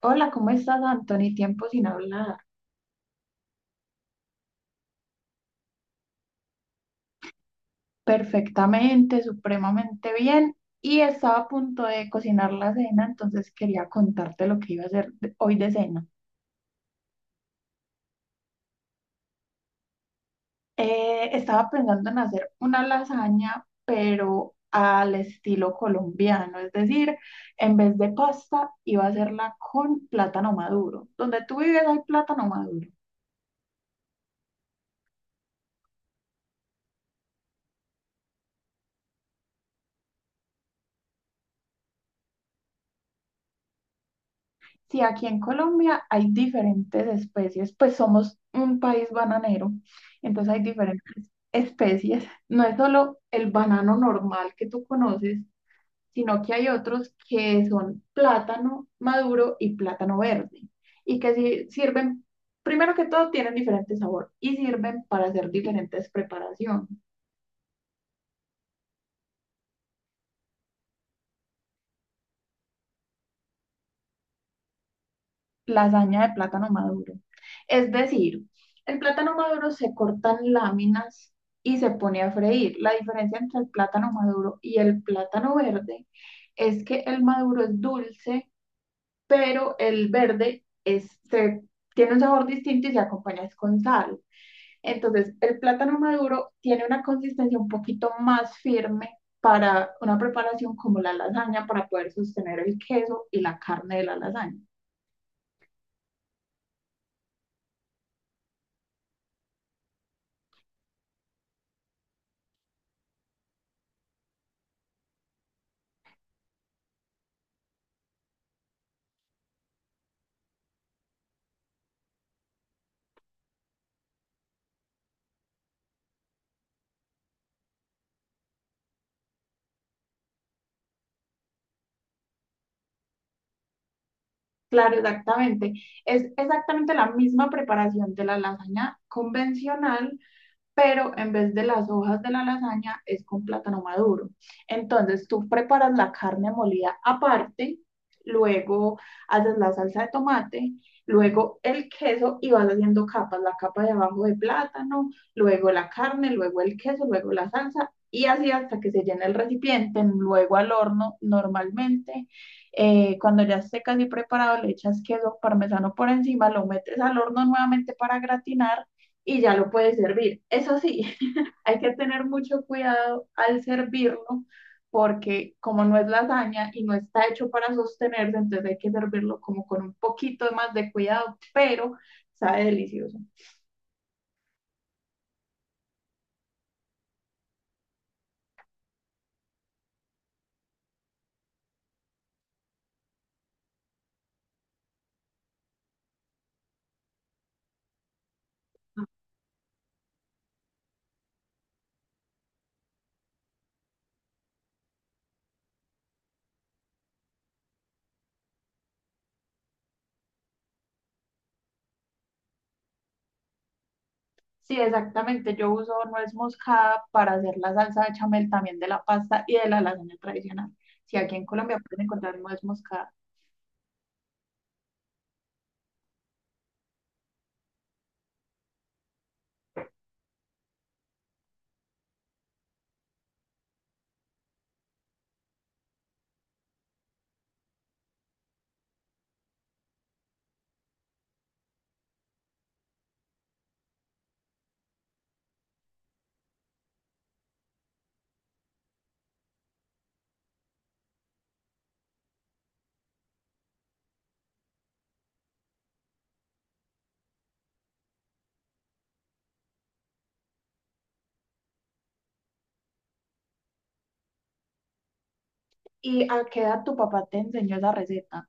Hola, ¿cómo estás, Anthony? Tiempo sin hablar. Perfectamente, supremamente bien. Y estaba a punto de cocinar la cena, entonces quería contarte lo que iba a hacer hoy de cena. Estaba pensando en hacer una lasaña, pero al estilo colombiano, es decir, en vez de pasta, iba a hacerla con plátano maduro. Donde tú vives hay plátano maduro. Si aquí en Colombia hay diferentes especies, pues somos un país bananero, entonces hay diferentes especies. No es solo el banano normal que tú conoces, sino que hay otros que son plátano maduro y plátano verde, y que sirven, primero que todo, tienen diferente sabor y sirven para hacer diferentes preparaciones. Lasaña de plátano maduro. Es decir, el plátano maduro se cortan láminas y se pone a freír. La diferencia entre el plátano maduro y el plátano verde es que el maduro es dulce, pero el verde tiene un sabor distinto y se acompaña es con sal. Entonces, el plátano maduro tiene una consistencia un poquito más firme para una preparación como la lasaña, para poder sostener el queso y la carne de la lasaña. Claro, exactamente. Es exactamente la misma preparación de la lasaña convencional, pero en vez de las hojas de la lasaña es con plátano maduro. Entonces tú preparas la carne molida aparte, luego haces la salsa de tomate, luego el queso y vas haciendo capas, la capa de abajo de plátano, luego la carne, luego el queso, luego la salsa. Y así hasta que se llene el recipiente, luego al horno normalmente. Cuando ya esté casi preparado, le echas queso parmesano por encima, lo metes al horno nuevamente para gratinar y ya lo puedes servir. Eso sí, hay que tener mucho cuidado al servirlo porque como no es lasaña y no está hecho para sostenerse, entonces hay que servirlo como con un poquito más de cuidado, pero sabe delicioso. Sí, exactamente. Yo uso nuez moscada para hacer la salsa de chamel también de la pasta y de la lasaña tradicional. Si aquí en Colombia pueden encontrar nuez moscada. ¿Y a qué edad tu papá te enseñó esa receta?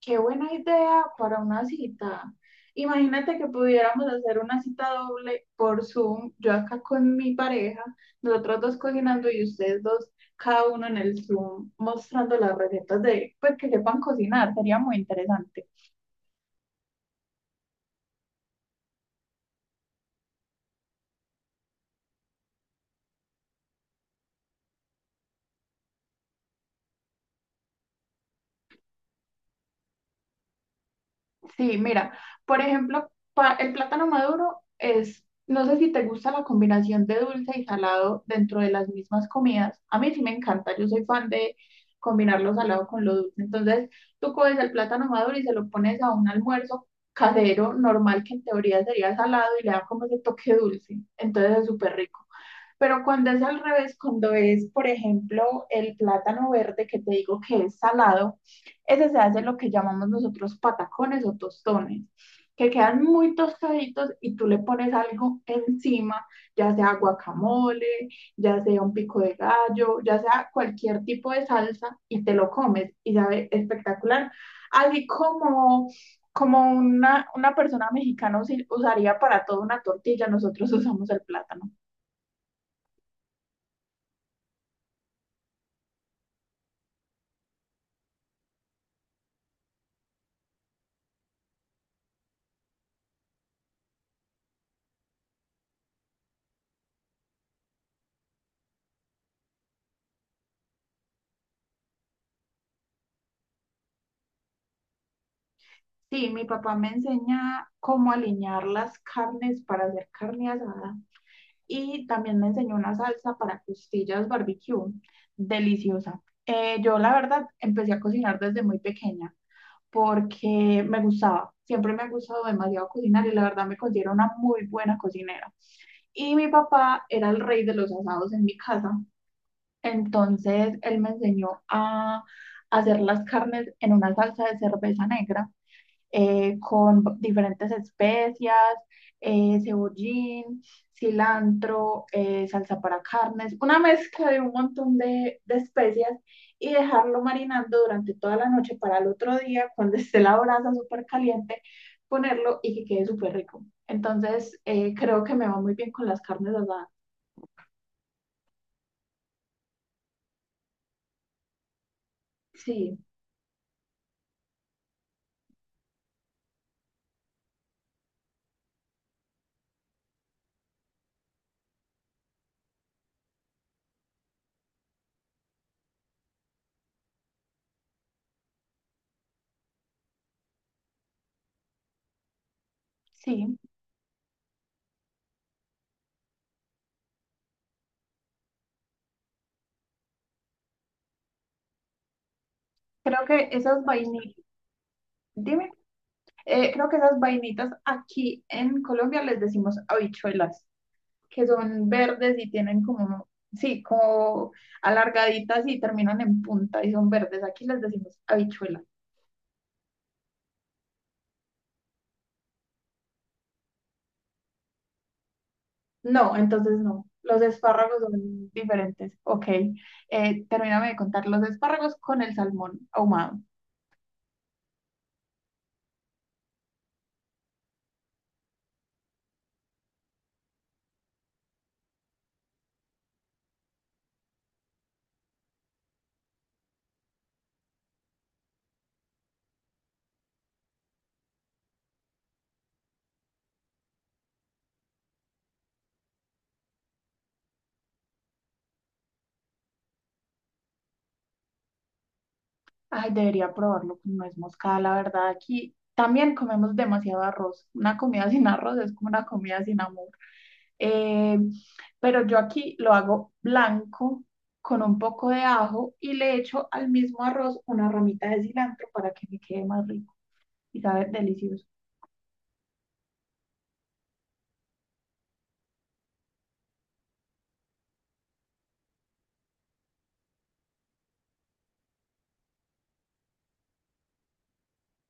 Qué buena idea para una cita. Imagínate que pudiéramos hacer una cita doble por Zoom, yo acá con mi pareja, nosotros dos cocinando y ustedes dos, cada uno en el Zoom, mostrando las recetas de, pues que sepan cocinar, sería muy interesante. Sí, mira, por ejemplo, el plátano maduro es, no sé si te gusta la combinación de dulce y salado dentro de las mismas comidas. A mí sí me encanta, yo soy fan de combinar lo salado con lo dulce. Entonces, tú coges el plátano maduro y se lo pones a un almuerzo casero normal que en teoría sería salado y le da como ese toque dulce. Entonces es súper rico. Pero cuando es al revés, cuando es, por ejemplo, el plátano verde que te digo que es salado, ese se hace lo que llamamos nosotros patacones o tostones, que quedan muy tostaditos y tú le pones algo encima, ya sea guacamole, ya sea un pico de gallo, ya sea cualquier tipo de salsa y te lo comes y sabe espectacular. Así como como una, persona mexicana usaría para todo una tortilla, nosotros usamos el plátano. Sí, mi papá me enseña cómo alinear las carnes para hacer carne asada y también me enseñó una salsa para costillas barbecue, deliciosa. Yo la verdad empecé a cocinar desde muy pequeña porque me gustaba, siempre me ha gustado demasiado cocinar y la verdad me considero una muy buena cocinera. Y mi papá era el rey de los asados en mi casa, entonces él me enseñó a hacer las carnes en una salsa de cerveza negra con diferentes especias, cebollín, cilantro, salsa para carnes, una mezcla de un montón de especias y dejarlo marinando durante toda la noche para el otro día, cuando esté la brasa súper caliente, ponerlo y que quede súper rico. Entonces, creo que me va muy bien con las carnes asadas. Sí, sí. Creo que esas vainitas, dime, creo que esas vainitas aquí en Colombia les decimos habichuelas. Que son verdes y tienen como, sí, como alargaditas y terminan en punta y son verdes. Aquí les decimos habichuela. No, entonces no. Los espárragos son diferentes. Ok. Termíname de contar los espárragos con el salmón ahumado. Ay, debería probarlo con nuez moscada, la verdad. Aquí también comemos demasiado arroz. Una comida sin arroz es como una comida sin amor. Eh, pero yo aquí lo hago blanco con un poco de ajo y le echo al mismo arroz una ramita de cilantro para que me quede más rico y sabe delicioso.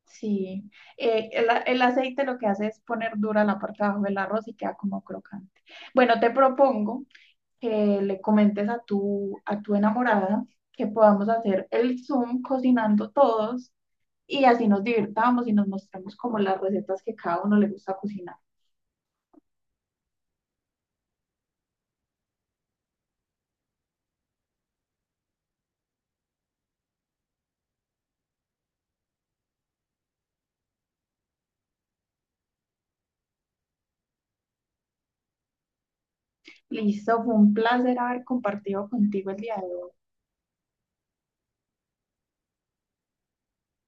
Sí, el aceite lo que hace es poner dura la parte de abajo del arroz y queda como crocante. Bueno, te propongo que le comentes a tu enamorada que podamos hacer el Zoom cocinando todos y así nos divirtamos y nos mostramos como las recetas que cada uno le gusta cocinar. Listo, fue un placer haber compartido contigo el día de hoy.